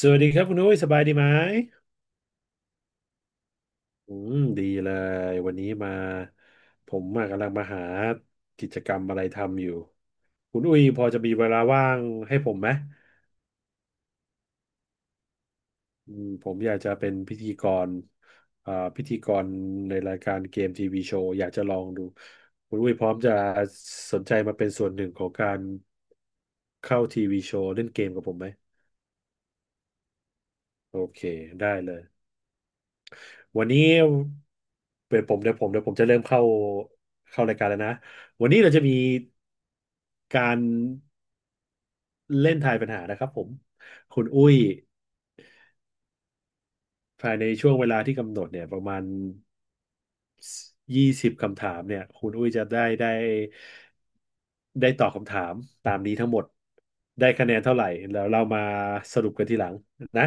สวัสดีครับคุณนุ้ยสบายดีไหมอืมดีเลยวันนี้มาผมมากำลังมาหากิจกรรมอะไรทำอยู่คุณอุ้ยพอจะมีเวลาว่างให้ผมไหมผมอยากจะเป็นพิธีกรพิธีกรในรายการเกมทีวีโชว์อยากจะลองดูคุณอุ้ยพร้อมจะสนใจมาเป็นส่วนหนึ่งของการเข้าทีวีโชว์เล่นเกมกับผมไหมโอเคได้เลย วันนี้เป็นผมเดี๋ยวผมจะเริ่มเข้ารายการแล้วนะวันนี้เราจะมีการเล่นทายปัญหานะครับผมคุณอุ้ยภายในช่วงเวลาที่กำหนดเนี่ยประมาณ 20คำถามเนี่ยคุณอุ้ยจะได้ตอบคำถามตามนี้ทั้งหมดได้คะแนนเท่าไหร่แล้วเรามาสรุปกันทีหลังนะ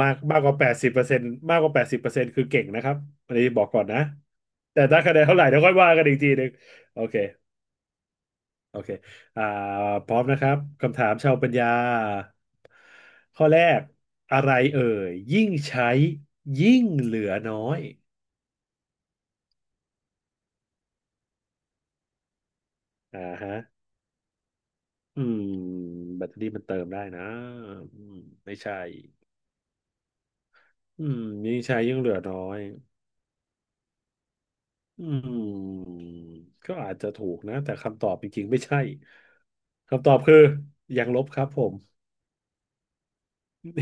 มากมากกว่าแปดสิบเปอร์เซ็นต์มากกว่าแปดสิบเปอร์เซ็นต์คือเก่งนะครับอันนี้บอกก่อนนะแต่ได้คะแนนเท่าไหร่เดี๋ยวค่อยว่ากันอีกทีหนึ่งโอเคโอเคอ่าพร้อมนะครับคำถามชาวปัญญาข้อแรกอะไรเอ่ยยิ่งใช้ยิ่งเหลือน้อยอ่าฮะ อืมแบตเตอรี่มันเติมได้นะอืมไม่ใช่อืมยิ่งใช้ยิ่งเหลือน้อยอืมก็อาจจะถูกนะแต่คำตอบจริงๆไม่ใช่คำตอบคือยังลบครับผม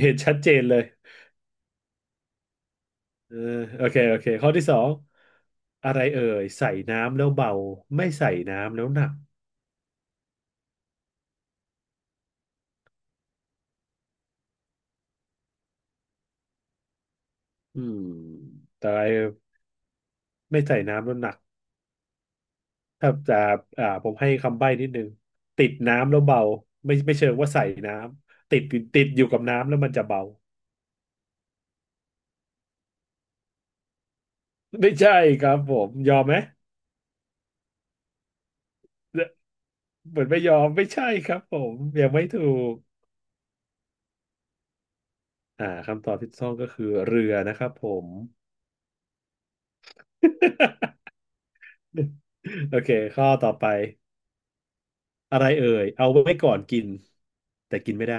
เห็นชัดเจนเลยเออโอเคโอเคข้อที่สองอะไรเอ่ยใส่น้ำแล้วเบาไม่ใส่น้ำแล้วหนักอืมแต่อะไรไม่ใส่น้ำแล้วหนัก ถ้าจะผมให้คำใบ้นิดนึงติดน้ำแล้วเบาไม่เชิงว่าใส่น้ำติดอยู่กับน้ำแล้วมันจะเบา ไม่ใช่ครับผมยอมไหมเหมือนไม่ยอมไม่ใช่ครับผมยังไม่ถูกคำตอบที่ถูกต้องก็คือเรือนะครับผม โอเคข้อต่อไปอะไรเอ่ยเอาไว้ก่อนกินแต่กินไม่ได้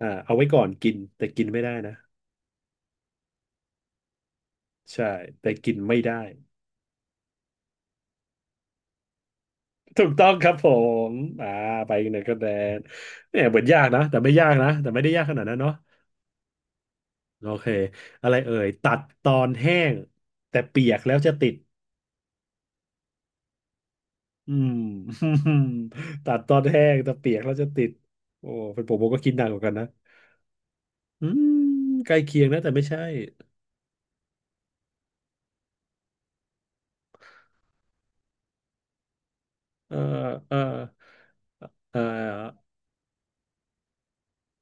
เอาไว้ก่อนกินแต่กินไม่ได้นะใช่แต่กินไม่ได้ ถูกต้องครับผมอ่าไปเนเธอระแลนเนี่ยเหมือนยากนะแต่ไม่ยากนะ แต่ไม่ได้ยากขนาดนั้นเนาะโอเคอะไรเอ่ยตัดตอนแห้งแต่เปียกแล้วจะติดอืม ตัดตอนแห้งแต่เปียกแล้วจะติดโอ้เป็นผมก็คิดหนักเหมือนกันนะอืมใกล้เคียงนะแต่ไม่ใช่เออเออเออ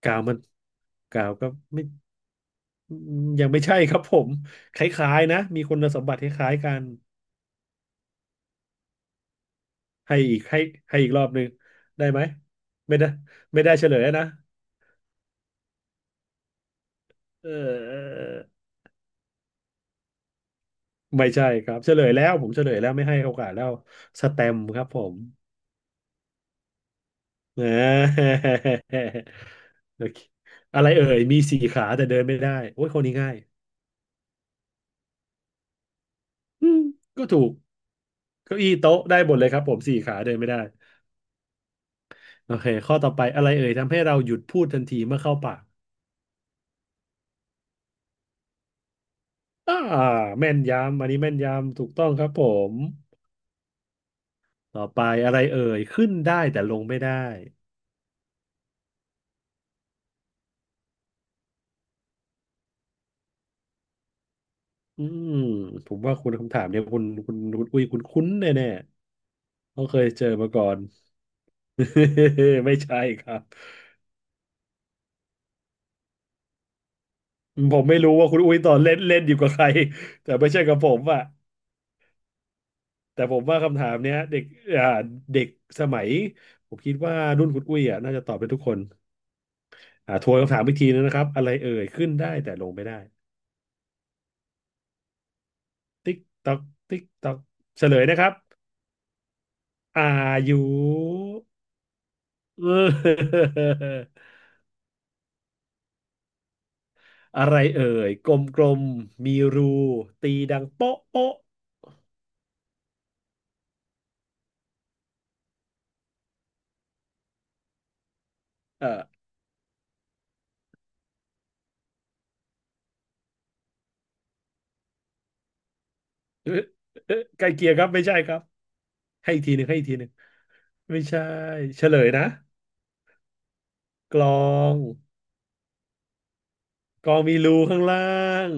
กาวมันกาวก็ไม่ยังไม่ใช่ครับผมคล้ายๆนะมีคุณสมบัติคล้ายๆกัน ให้อีกให้ให้อีกรอบหนึ่งได้ไหมไม่ได้ไม่ได้เฉลยแล้วนะเออไม่ใช่ครับเฉลยแล้วผมเฉลยแล้วไม่ให้โอกาสแล้วสแตมป์ครับผมนะ อโอเคอะไรเอ่ยมีสี่ขาแต่เดินไม่ได้โอ้ยคนนี้ง่ายอืมก็ถูกเก้าอี้โต๊ะได้หมดเลยครับผมสี่ขาเดินไม่ได้โอเคข้อต่อไปอะไรเอ่ยทำให้เราหยุดพูดทันทีเมื่อเข้าปากอ่าแม่นยำอันนี้แม่นยำถูกต้องครับผม ต่อไปอะไรเอ่ยขึ้นได้แต่ลงไม่ได้อืมผมว่าคุณคำถามเนี่ยคุณอุ้ยคุณคุ้นแน่แน่ต้องเคยเจอมาก่อน ไม่ใช่ครับผมไม่รู้ว่าคุณอุ้ยตอนเล่นเล่นอยู่กับใครแต่ไม่ใช่กับผมอะแต่ผมว่าคำถามเนี้ยเด็กอ่าเด็กสมัยผมคิดว่ารุ่นคุณอุ้ยอ่ะน่าจะตอบเป็นทุกคนทวนคำถามอีกทีนึงนะครับอะไรเอ่ยขึ้นได้แต่ลงไม่ได้ติ๊กต๊อกติ๊กต๊อกเฉลยนะครับอายุ เออ อะไรเอ่ยกลมๆมีรูตีดังโป๊ะโป๊ะเออเอ๊ะ เอ๊ะใกล้เคียงครับไม่ใช่ครับให้อีกทีหนึ่งให้อีกทีหนึ่งไม่ใช่เฉลยนะกลองกลองมีรูข้างล่าง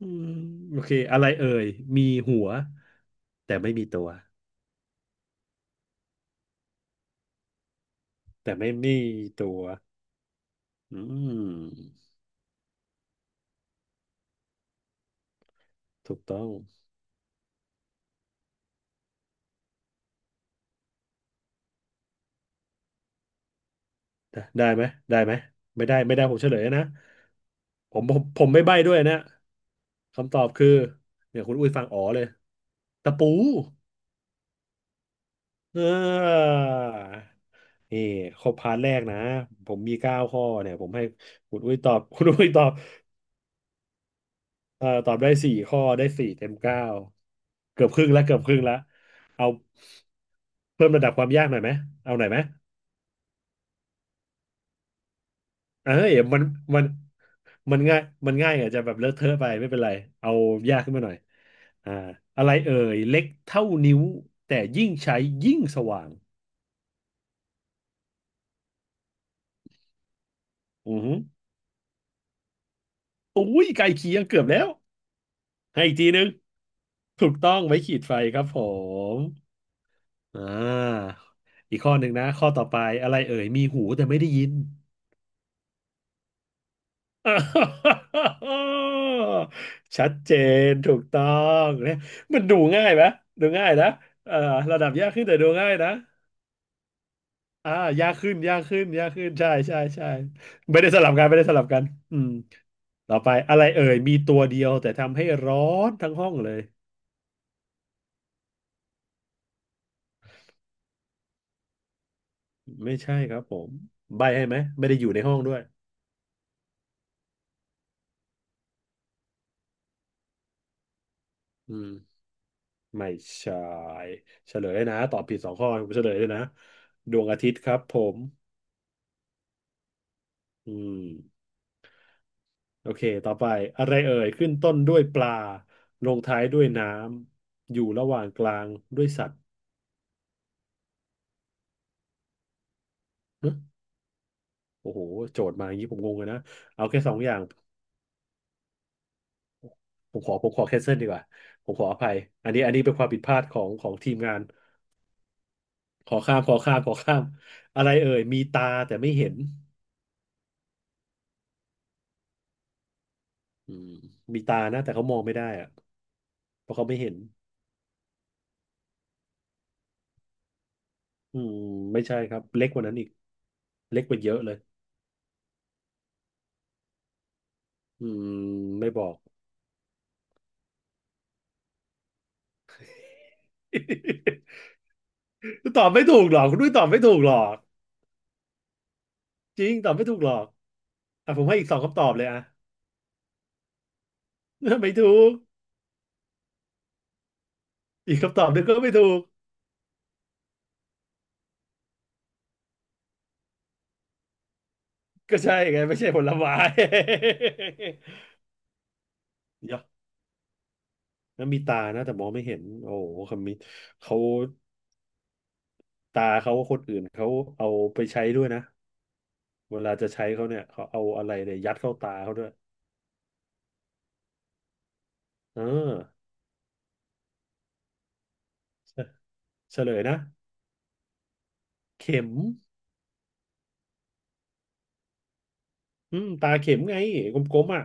อืมโอเคอะไรเอ่ยมีหัวแต่ไม่มีตัวแต่ไม่มีตัวอืมถูกต้อง ได้ไหมได้ไหมไม่ได้ไม่ได้ผมเฉลยนะผมไม่ใบ้ด้วยนะคำตอบคือเนี่ยคุณอุ้ยฟังอ๋อเลยตะปูเออนี่ครบพาร์ทแรกนะผมมี9 ข้อเนี่ยผมให้คุณอุ้ยตอบ คุณอุ้ยตอบตอบได้4 ข้อได้สี่เต็มเก้าเกือบครึ่งแล้วเกือบครึ่งแล้วเอาเพิ่มระดับความยากหน่อยไหมเอาหน่อยไหม เอ้ยมันมันง่ายมันง่ายอาจจะแบบเลอะเทอะไปไม่เป็นไรเอายากขึ้นมาหน่อยอ่าอะไรเอ่ยเล็กเท่านิ้วแต่ยิ่งใช้ยิ่งสว่างอือหืออุ้ยไกลเคียงเกือบแล้วให้อีกทีนึงถูกต้องไว้ขีดไฟครับผมอ่าอีกข้อหนึ่งนะข้อต่อไปอะไรเอ่ยมีหูแต่ไม่ได้ยิน ชัดเจนถูกต้องเนี่ยมันดูง่ายไหมดูง่ายนะเอ่อระดับยากขึ้นแต่ดูง่ายนะอ่ายากขึ้นยากขึ้นยากขึ้นใช่ใช่ใช่ไม่ได้สลับกันไม่ได้สลับกันอืมต่อไปอะไรเอ่ยมีตัวเดียวแต่ทำให้ร้อนทั้งห้องเลยไม่ใช่ครับผมใบให้ไหมไม่ได้อยู่ในห้องด้วยอืมไม่ใช่เฉลยนะตอบผิดสองข้อผมเฉลยเลยนะดวงอาทิตย์ครับผมอืม โอเคต่อไปอะไรเอ่ยขึ้นต้นด้วยปลาลงท้ายด้วยน้ำอยู่ระหว่างกลางด้วยสัตว์เนอะโอ้โหโจทย์มาอย่างนี้ผมงงเลยนะเอาแค่สองอย่างผมขอแคนเซิลดีกว่าผมขออภัยอันนี้เป็นความผิดพลาดของทีมงานขอข้ามอะไรเอ่ยมีตาแต่ไม่เห็นอืมมีตานะแต่เขามองไม่ได้อะเพราะเขาไม่เห็นอืมไม่ใช่ครับเล็กกว่านั้นอีกเล็กกว่าเยอะเลยอืมไม่บอก ตอบไม่ถูกหรอกคุณด้วยตอบไม่ถูกหรอกจริงตอบไม่ถูกหรอกอ่ะผมให้อีกสองคำตอบเลยอ่ะ ไม่ถูกอีกคำตอบหนึ่งก็ไม่ถูกก็ใช่ไงไม่ใช่ผลไม้ เดี๋ยอะแล้วมีตานะแต่มองไม่เห็นโอ้โหคำนี้เขาตาเขาคนอื่นเขาเอาไปใช้ด้วยนะเวลาจะใช้เขาเนี่ยเขาเอาอะไรเนี่ยยัดเข้าตาเขาด้วยเออเฉเฉลยนะเข็มอืมตาเข็มไงกลมๆอ่ะ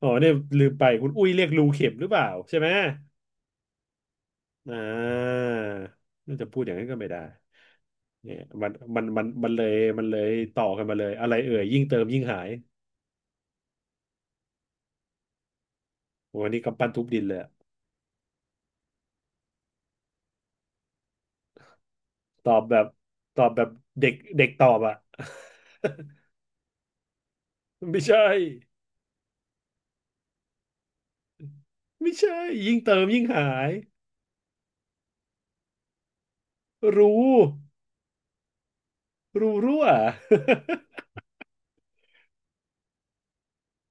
อ๋อเนี่ยลืมไปคุณอุ้ยเรียกรูเข็มหรือเปล่าใช่ไหม อ่าน่าจะพูดอย่างนั้นก็ไม่ได้เนี่ยมันเลยต่อกันมาเลยอะไรเอ่ยยิ่งเติมยิ่งหายวันนี้กำปั้นทุบดินเลยอะตอบแบบตอบแบบเด็กเด็กตอบอ่ะ ไม่ใช่ไม่ใช่ยิ่งเติมยิ่งหายรู้รู้รั่ว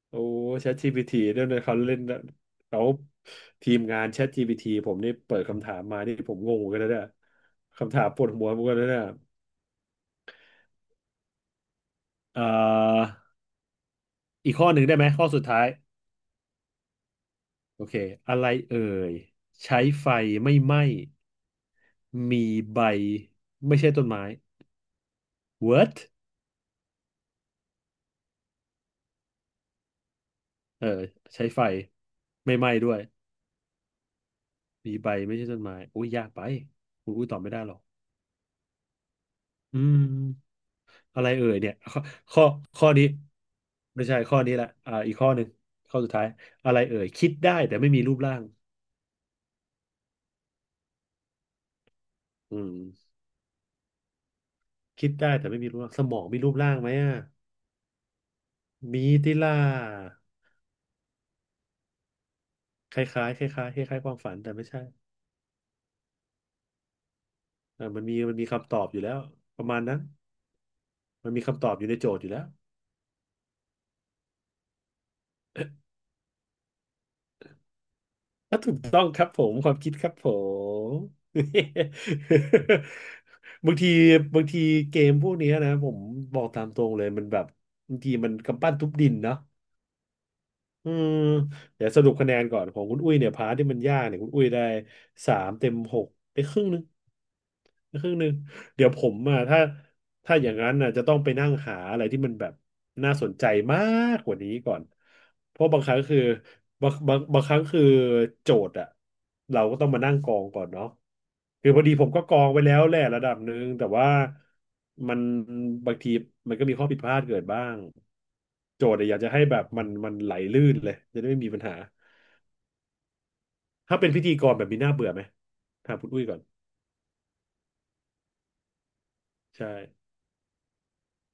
โอ้ ChatGPT ด้วยนะเขาเล่นเขาทีมงาน ChatGPT ผมนี่เปิดคำถามมานี่ผมงงเหมือนกันนะเนี่ยคำถามปวดหัวเหมือนกันนะเนี่ยเอ่อ อีกข้อหนึ่งได้ไหมข้อสุดท้ายโอเคอะไรเอ่ยใช้ไฟไม่ไหม้มีใบไม่ใช่ต้นไม้ What เออใช้ไฟไม่ไหม้ด้วยมีใบไม่ใช่ต้นไม้อุ้ยยากไปอุ้ยตอบไม่ได้หรอกอืมอะไรเอ่ยเนี่ยข้อข้อนี้ไม่ใช่ข้อนี้แหละอ่าอีกข้อหนึ่งข้อสุดท้ายอะไรเอ่ยคิดได้แต่ไม่มีรูปร่างอืมคิดได้แต่ไม่มีรูปร่างสมองมีรูปร่างไหมอ่ะมีติล่า คล้ายๆคล้ายๆคล้ายๆความฝันแต่ไม่ใช่เออมันมีคำตอบอยู่แล้วประมาณนั้นมันมีคำตอบอยู่ในโจทย์อยู่แล้วอ่ะถูกต้องครับผมความคิดครับผม บางทีบางทีเกมพวกเนี้ยนะผมบอกตามตรงเลยมันแบบบางทีมันกำปั้นทุบดินเนาะ อืมเดี๋ยวสรุปคะแนนก่อนของคุณอุ้ยเนี่ยพาร์ทที่มันยากเนี่ยคุณอุ้ยได้สามเต็มหกได้ครึ่งหนึงไครึ่งหนึงเดี๋ยวผมอ่ะถ้าอย่างนั้นน่ะจะต้องไปนั่งหาอะไรที่มันแบบน่าสนใจมากกว่านี้ก่อนเพราะบางครั้งคือบางครั้งคือโจทย์อ่ะเราก็ต้องมานั่งกองก่อนเนาะคือพอดีผมก็กองไว้แล้วแหละระดับหนึ่งแต่ว่ามันบางทีมันก็มีข้อผิดพลาดเกิดบ้าง โจทย์เนี่ยอยากจะให้แบบมันไหลลื่นเลยจะได้ไม่มีปัญหาถ้าเป็นพิธีกรแบบมีหน้าเบื่อไหมถามคุณอุ้ยก่อนใช่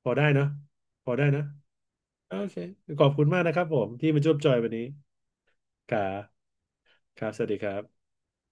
พอได้เนอะพอได้นะโอเคขอบคุณมากนะครับผมที่มาร่วมจอยวันนี้ครับครับสวัสดีครับ